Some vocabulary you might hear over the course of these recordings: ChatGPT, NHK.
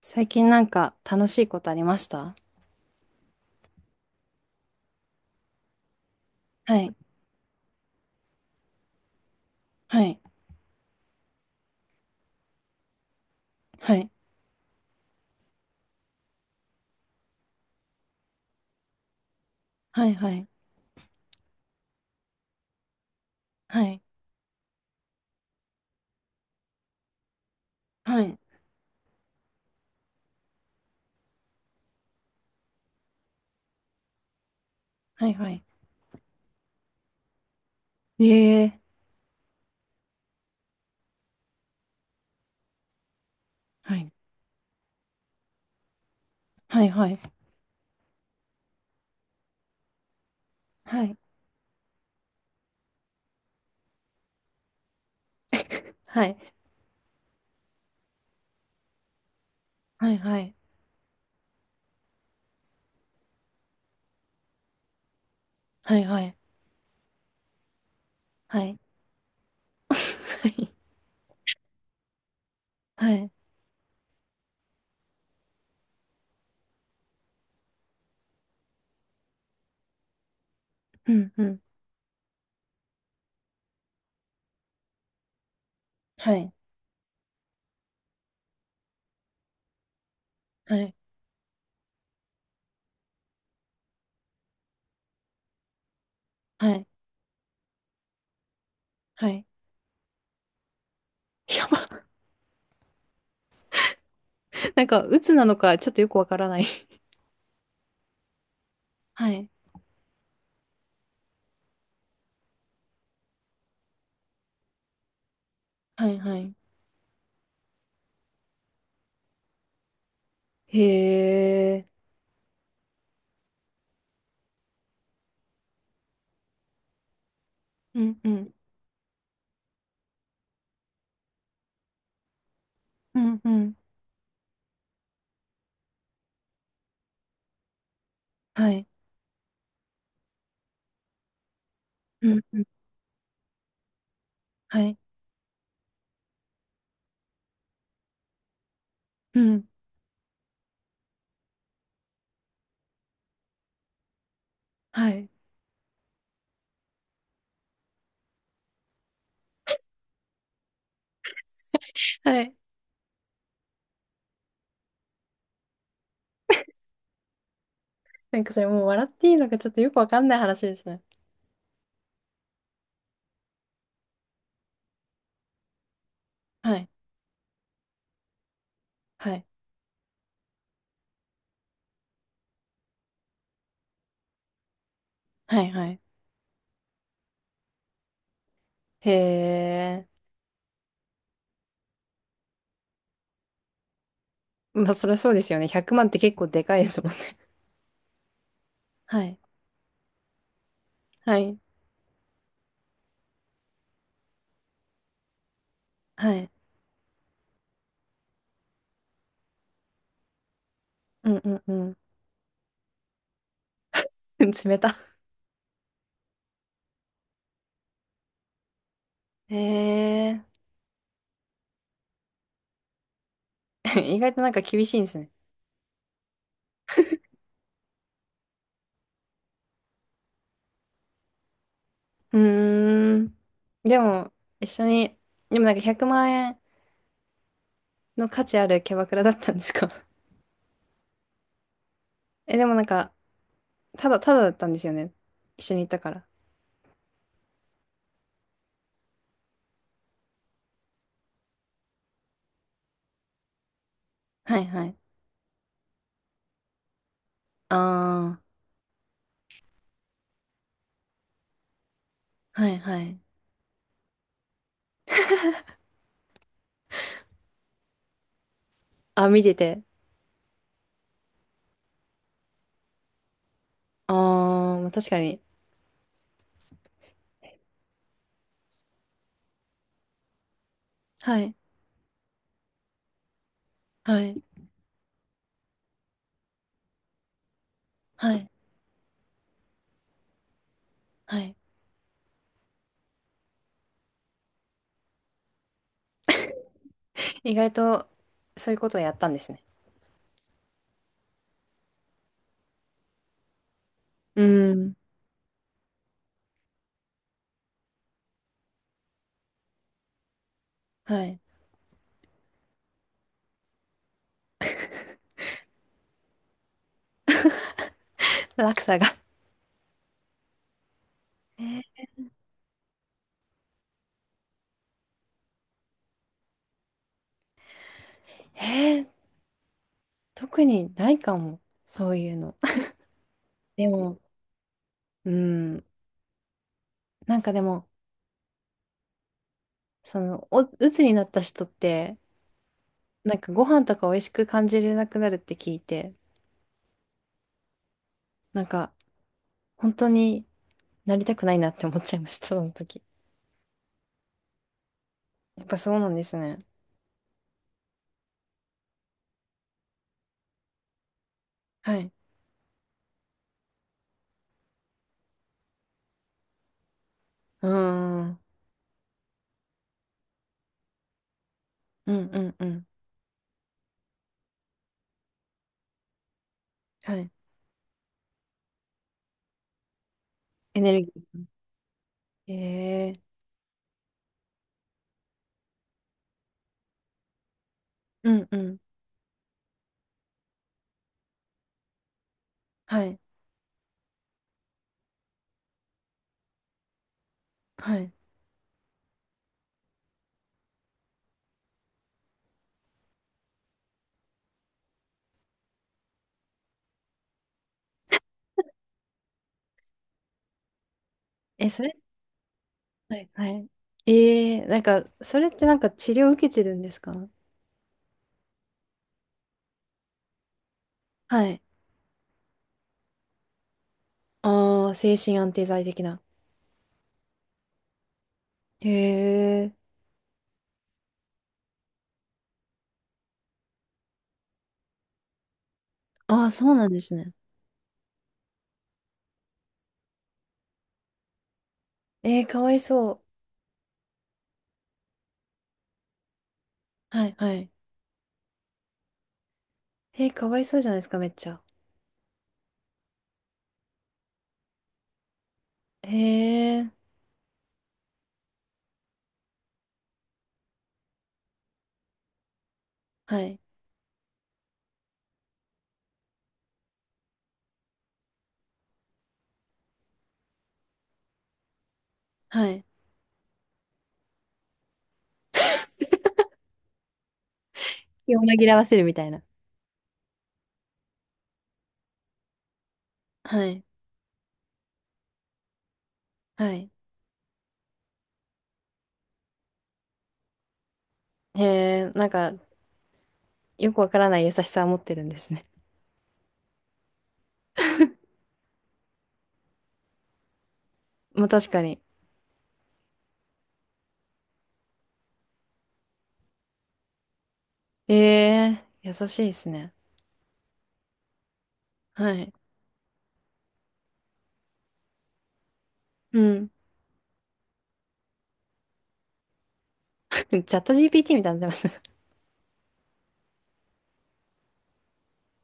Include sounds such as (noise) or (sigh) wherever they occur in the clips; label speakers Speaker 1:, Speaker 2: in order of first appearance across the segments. Speaker 1: 最近なんか楽しいことありましたはい、はい、はい、はい、はい、はい、はい、はい、はい、ええ。はい、はい、はい、はい、(laughs) はい。はい、はい、はい、はい、はい、はい、うん、うん、はい、はい、はい、はい、やば。なんか、鬱なのかちょっとよくわからない。はい、はい、はい、へえ。うん、うん、うん、うん、はい、うん、うん、はい、うん、はい、はい。なんかそれもう笑っていいのかちょっとよくわかんない話ですね。はい。はい。はい。はい。へえ。まあそりゃそうですよね。100万って結構でかいですもんね。はい。はい。はい。うんうんうん。(laughs) 冷た。へえ。(laughs) 意外となんか厳しいんですね。うーん。でも、一緒に、でもなんか100万円の価値あるキャバクラだったんですか？ (laughs) え、でもなんか、ただだったんですよね。一緒に行ったから。はいはい。ああ、はいはい。あ、見てて。ああ、確かに。はい、はい、はい、はい。意外と、そういうことをやったんですね。うん、はい。落差が。えー。えー、特にないかも。そういうの。でも、うん。なんかでも、その、お、鬱になった人って、なんかご飯とか美味しく感じれなくなるって聞いて、なんか、本当になりたくないなって思っちゃいました、その時。やっぱそうなんですね。はい。うーん。うんうんうん。はい。エネルギー。ええ。うんうん。はい。はい。え、それ。はい。はい。ええ、なんか、それってなんか治療受けてるんですか？はい。ああ、精神安定剤的な。へえ。ああ、そうなんですね。ええかわいそう。はい、はい。ええかわいそうじゃないですか、めっちゃ。へえ。はい。はい。(laughs) 気を紛らわせるみたいな。はい。はい。へえ、なんか、よくわからない優しさを持ってるんですね。まあ確かに。ええ優しいですね。はい。うん。(laughs) チャット GPT みたいになってます。(laughs)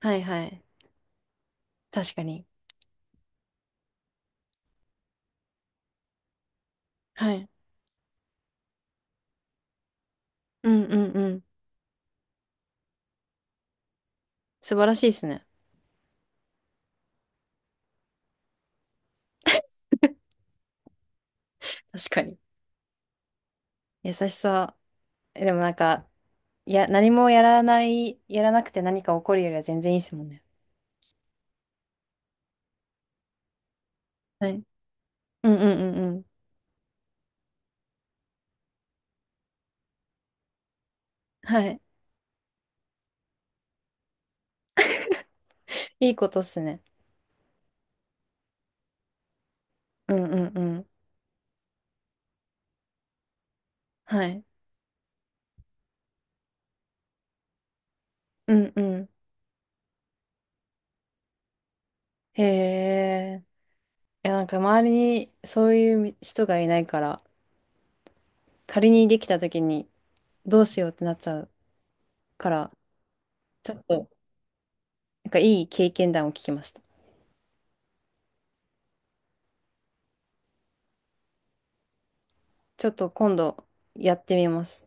Speaker 1: はいはい。確かに。はい。うんうんうん。素晴らしいですね。(laughs) 確かに。優しさ。えでもなんか、いや、何もやらない、やらなくて何か起こるよりは全然いいですもんね。はい。うんうんうんうん。はい。いいことっすね。うんうんうん。はい。うんうん。へえ。いや、なんか周りにそういう人がいないから、仮にできた時にどうしようってなっちゃうから、ちょっとなんかいい経験談を聞きました。ちょっと今度やってみます。